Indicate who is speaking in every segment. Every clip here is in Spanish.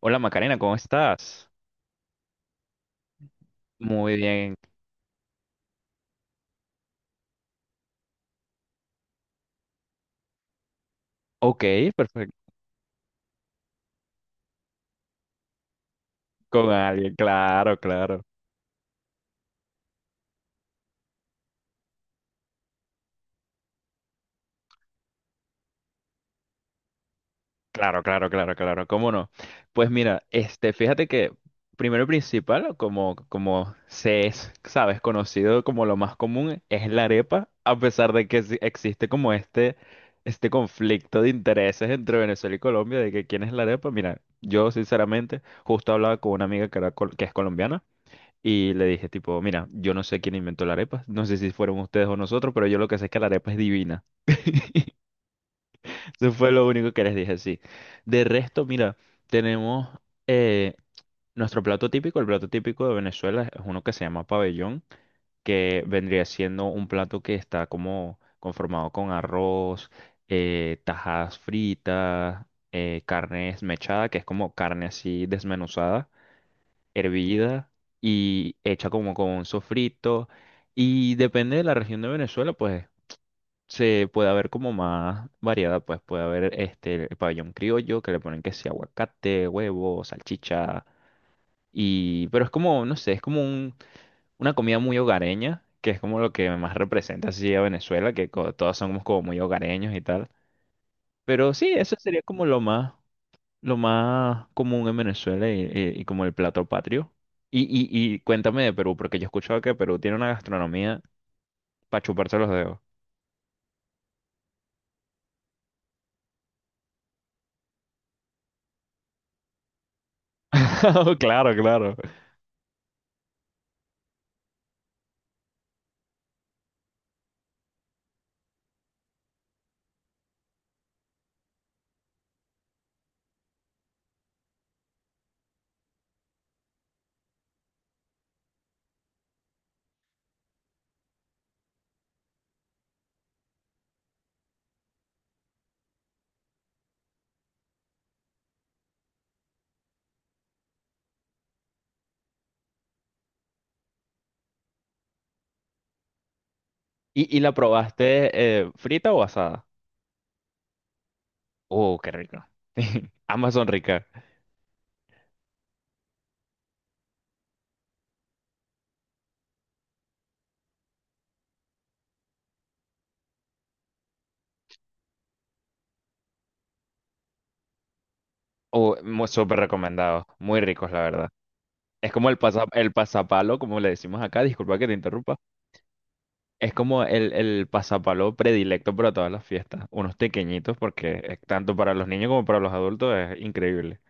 Speaker 1: Hola Macarena, ¿cómo estás? Muy bien. Ok, perfecto. Con alguien, claro, claro. Claro, claro, claro, claro. ¿Cómo no? Pues mira, fíjate que primero y principal, como se es, sabes, conocido como lo más común, es la arepa, a pesar de que sí existe como este conflicto de intereses entre Venezuela y Colombia, de que quién es la arepa. Mira, yo sinceramente justo hablaba con una amiga que es colombiana. Y le dije, tipo, mira, yo no sé quién inventó la arepa, no sé si fueron ustedes o nosotros, pero yo lo que sé es que la arepa es divina. Eso fue lo único que les dije, sí. De resto, mira, tenemos eh, nuestro plato típico, el plato típico de Venezuela es uno que se llama pabellón, que vendría siendo un plato que está como conformado con arroz, tajadas fritas, carne desmechada, que es como carne así desmenuzada hervida y hecha como con un sofrito. Y depende de la región de Venezuela, pues se puede haber como más variedad, pues puede haber el pabellón criollo que le ponen que sea aguacate, huevo, salchicha y pero es como, no sé, es como una comida muy hogareña, que es como lo que más representa así a Venezuela, todos somos como muy hogareños y tal. Pero sí, eso sería como lo más común en Venezuela y como el plato patrio. Y, y, y cuéntame de Perú, porque yo he escuchado que Perú tiene una gastronomía para chuparse los dedos. Claro, claro. ¿Y la probaste frita o asada? Oh, qué rico. Ambas son ricas. Oh, súper recomendados. Muy ricos, la verdad. Es como el pasapalo, como le decimos acá. Disculpa que te interrumpa. Es como el pasapalo predilecto para todas las fiestas. Unos pequeñitos, porque tanto para los niños como para los adultos es increíble.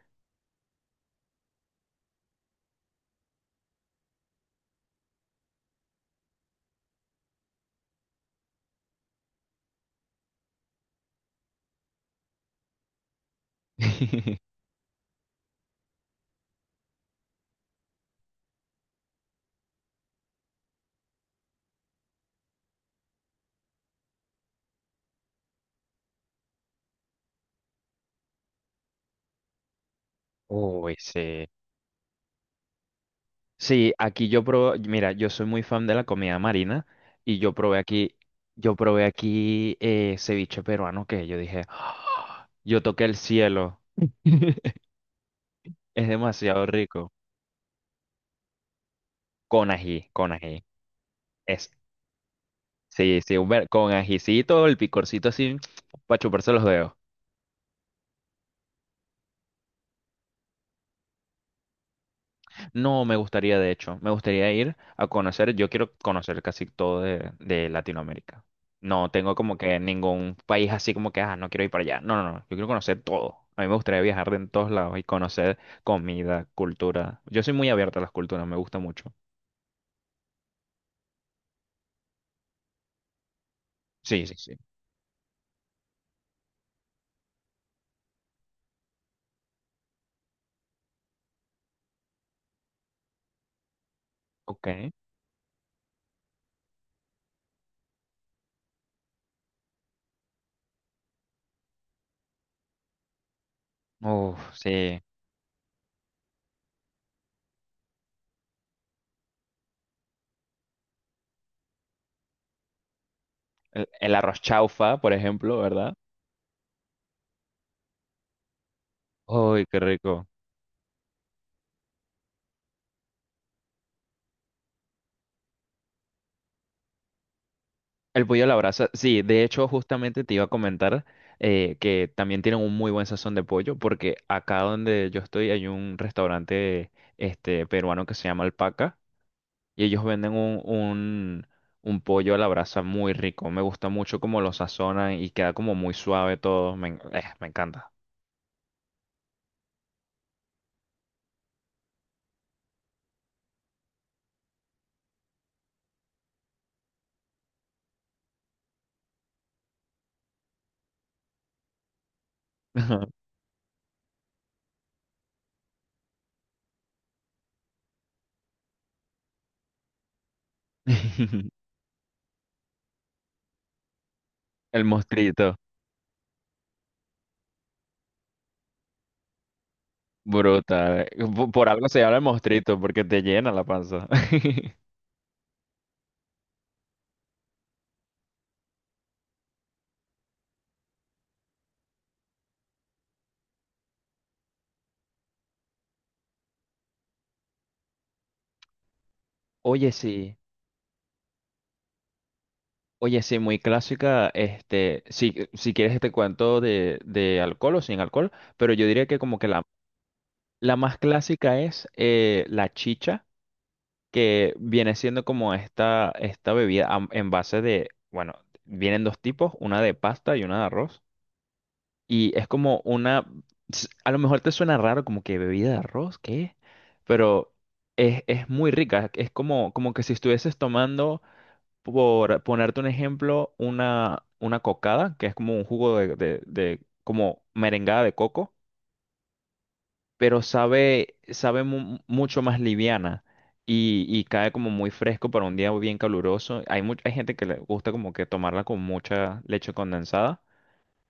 Speaker 1: Uy, sí. Sí, aquí yo probé, mira, yo soy muy fan de la comida marina y yo probé aquí ceviche peruano que yo dije, "Ah, yo toqué el cielo. Es demasiado rico. Con ají, con ají. Es, sí, sí, con ajicito, el picorcito así, para chuparse los dedos. No, me gustaría, de hecho, me gustaría ir a conocer, yo quiero conocer casi todo de Latinoamérica. No tengo como que ningún país así como que, no quiero ir para allá. No, no, no, yo quiero conocer todo. A mí me gustaría viajar de en todos lados y conocer comida, cultura. Yo soy muy abierta a las culturas, me gusta mucho. Sí, sí, sí. Ok. Uf, sí. El arroz chaufa, por ejemplo, ¿verdad? Uy, qué rico. El pollo a la brasa, sí, de hecho justamente te iba a comentar que también tienen un muy buen sazón de pollo porque acá donde yo estoy hay un restaurante peruano que se llama Alpaca y ellos venden un pollo a la brasa muy rico, me gusta mucho cómo lo sazonan y queda como muy suave todo, me encanta. El mostrito, brutal, por algo se llama el mostrito porque te llena la panza. Oye, sí. Oye, sí, muy clásica. Si, si quieres te cuento de alcohol o sin alcohol, pero yo diría que como que la más clásica es la chicha, que viene siendo como esta bebida en base bueno, vienen dos tipos, una de pasta y una de arroz. Y es como a lo mejor te suena raro como que bebida de arroz, ¿qué? Pero es muy rica, es como que si estuvieses tomando por ponerte un ejemplo, una cocada, que es como un jugo como merengada de coco, pero sabe mucho más liviana y cae como muy fresco para un día bien caluroso. Hay gente que le gusta como que tomarla con mucha leche condensada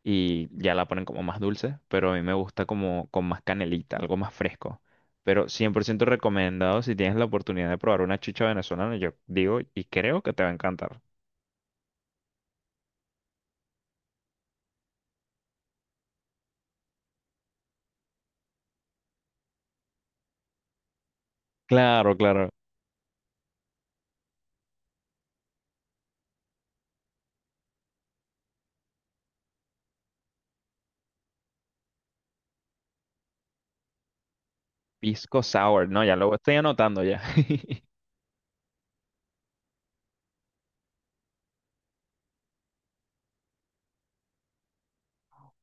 Speaker 1: y ya la ponen como más dulce, pero a mí me gusta como con más canelita, algo más fresco. Pero 100% recomendado si tienes la oportunidad de probar una chicha venezolana, yo digo y creo que te va a encantar. Claro, claro. Pisco sour, no, ya lo estoy anotando ya.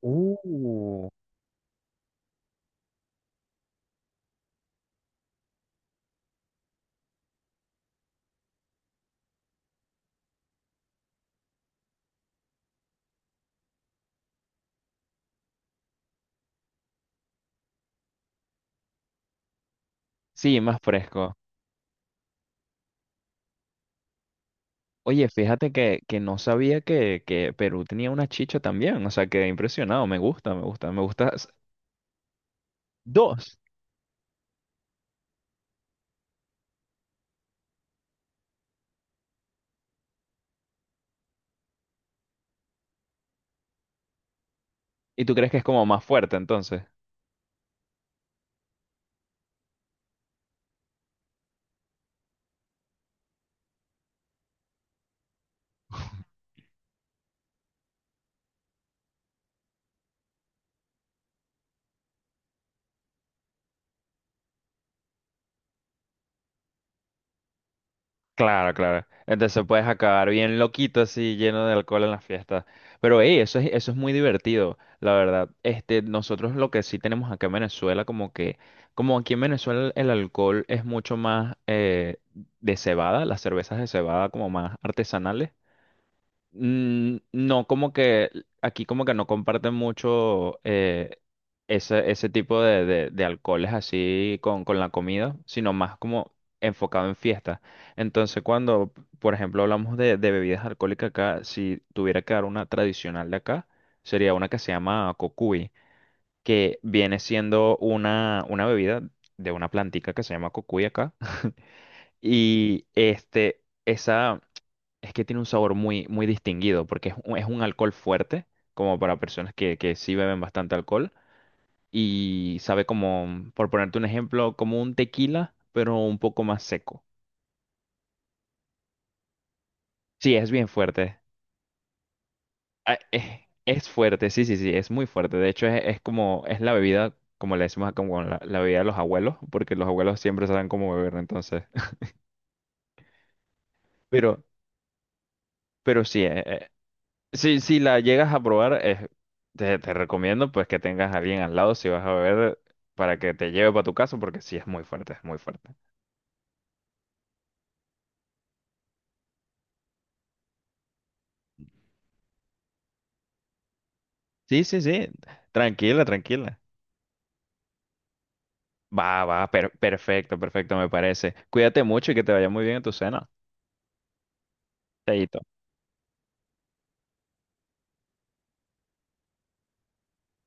Speaker 1: Uh, Sí, más fresco. Oye, fíjate que no sabía que Perú tenía una chicha también. O sea, quedé impresionado. Me gusta, me gusta, me gusta. Dos. ¿Y tú crees que es como más fuerte entonces? Claro, claro. Entonces puedes acabar bien loquito así, lleno de alcohol en la fiesta. Pero ey, eso es muy divertido, la verdad. Nosotros lo que sí tenemos acá en Venezuela, como aquí en Venezuela el alcohol es mucho más de cebada, las cervezas de cebada como más artesanales. No, como que aquí como que no comparten mucho ese tipo de alcoholes así con la comida, sino más como enfocado en fiestas. Entonces, cuando, por ejemplo, hablamos de bebidas alcohólicas acá, si tuviera que dar una tradicional de acá, sería una que se llama cocuy, que viene siendo una bebida de una plantica que se llama cocuy acá. Y esa. Es que tiene un sabor muy, muy distinguido, porque es un alcohol fuerte, como para personas que sí beben bastante alcohol, y sabe como, por ponerte un ejemplo, como un tequila, pero un poco más seco. Sí, es bien fuerte. Ah, es fuerte, sí, sí, sí, es muy fuerte. De hecho, es la bebida, como le decimos acá, como la bebida de los abuelos, porque los abuelos siempre saben cómo beber, entonces. Pero, pero sí. Sí, si la llegas a probar, te recomiendo pues que tengas a alguien al lado si vas a beber para que te lleve para tu casa, porque sí es muy fuerte, es muy fuerte. Sí, sí, sí. Tranquila, tranquila. Va, va, perfecto, perfecto, me parece. Cuídate mucho y que te vaya muy bien en tu cena. Chaito.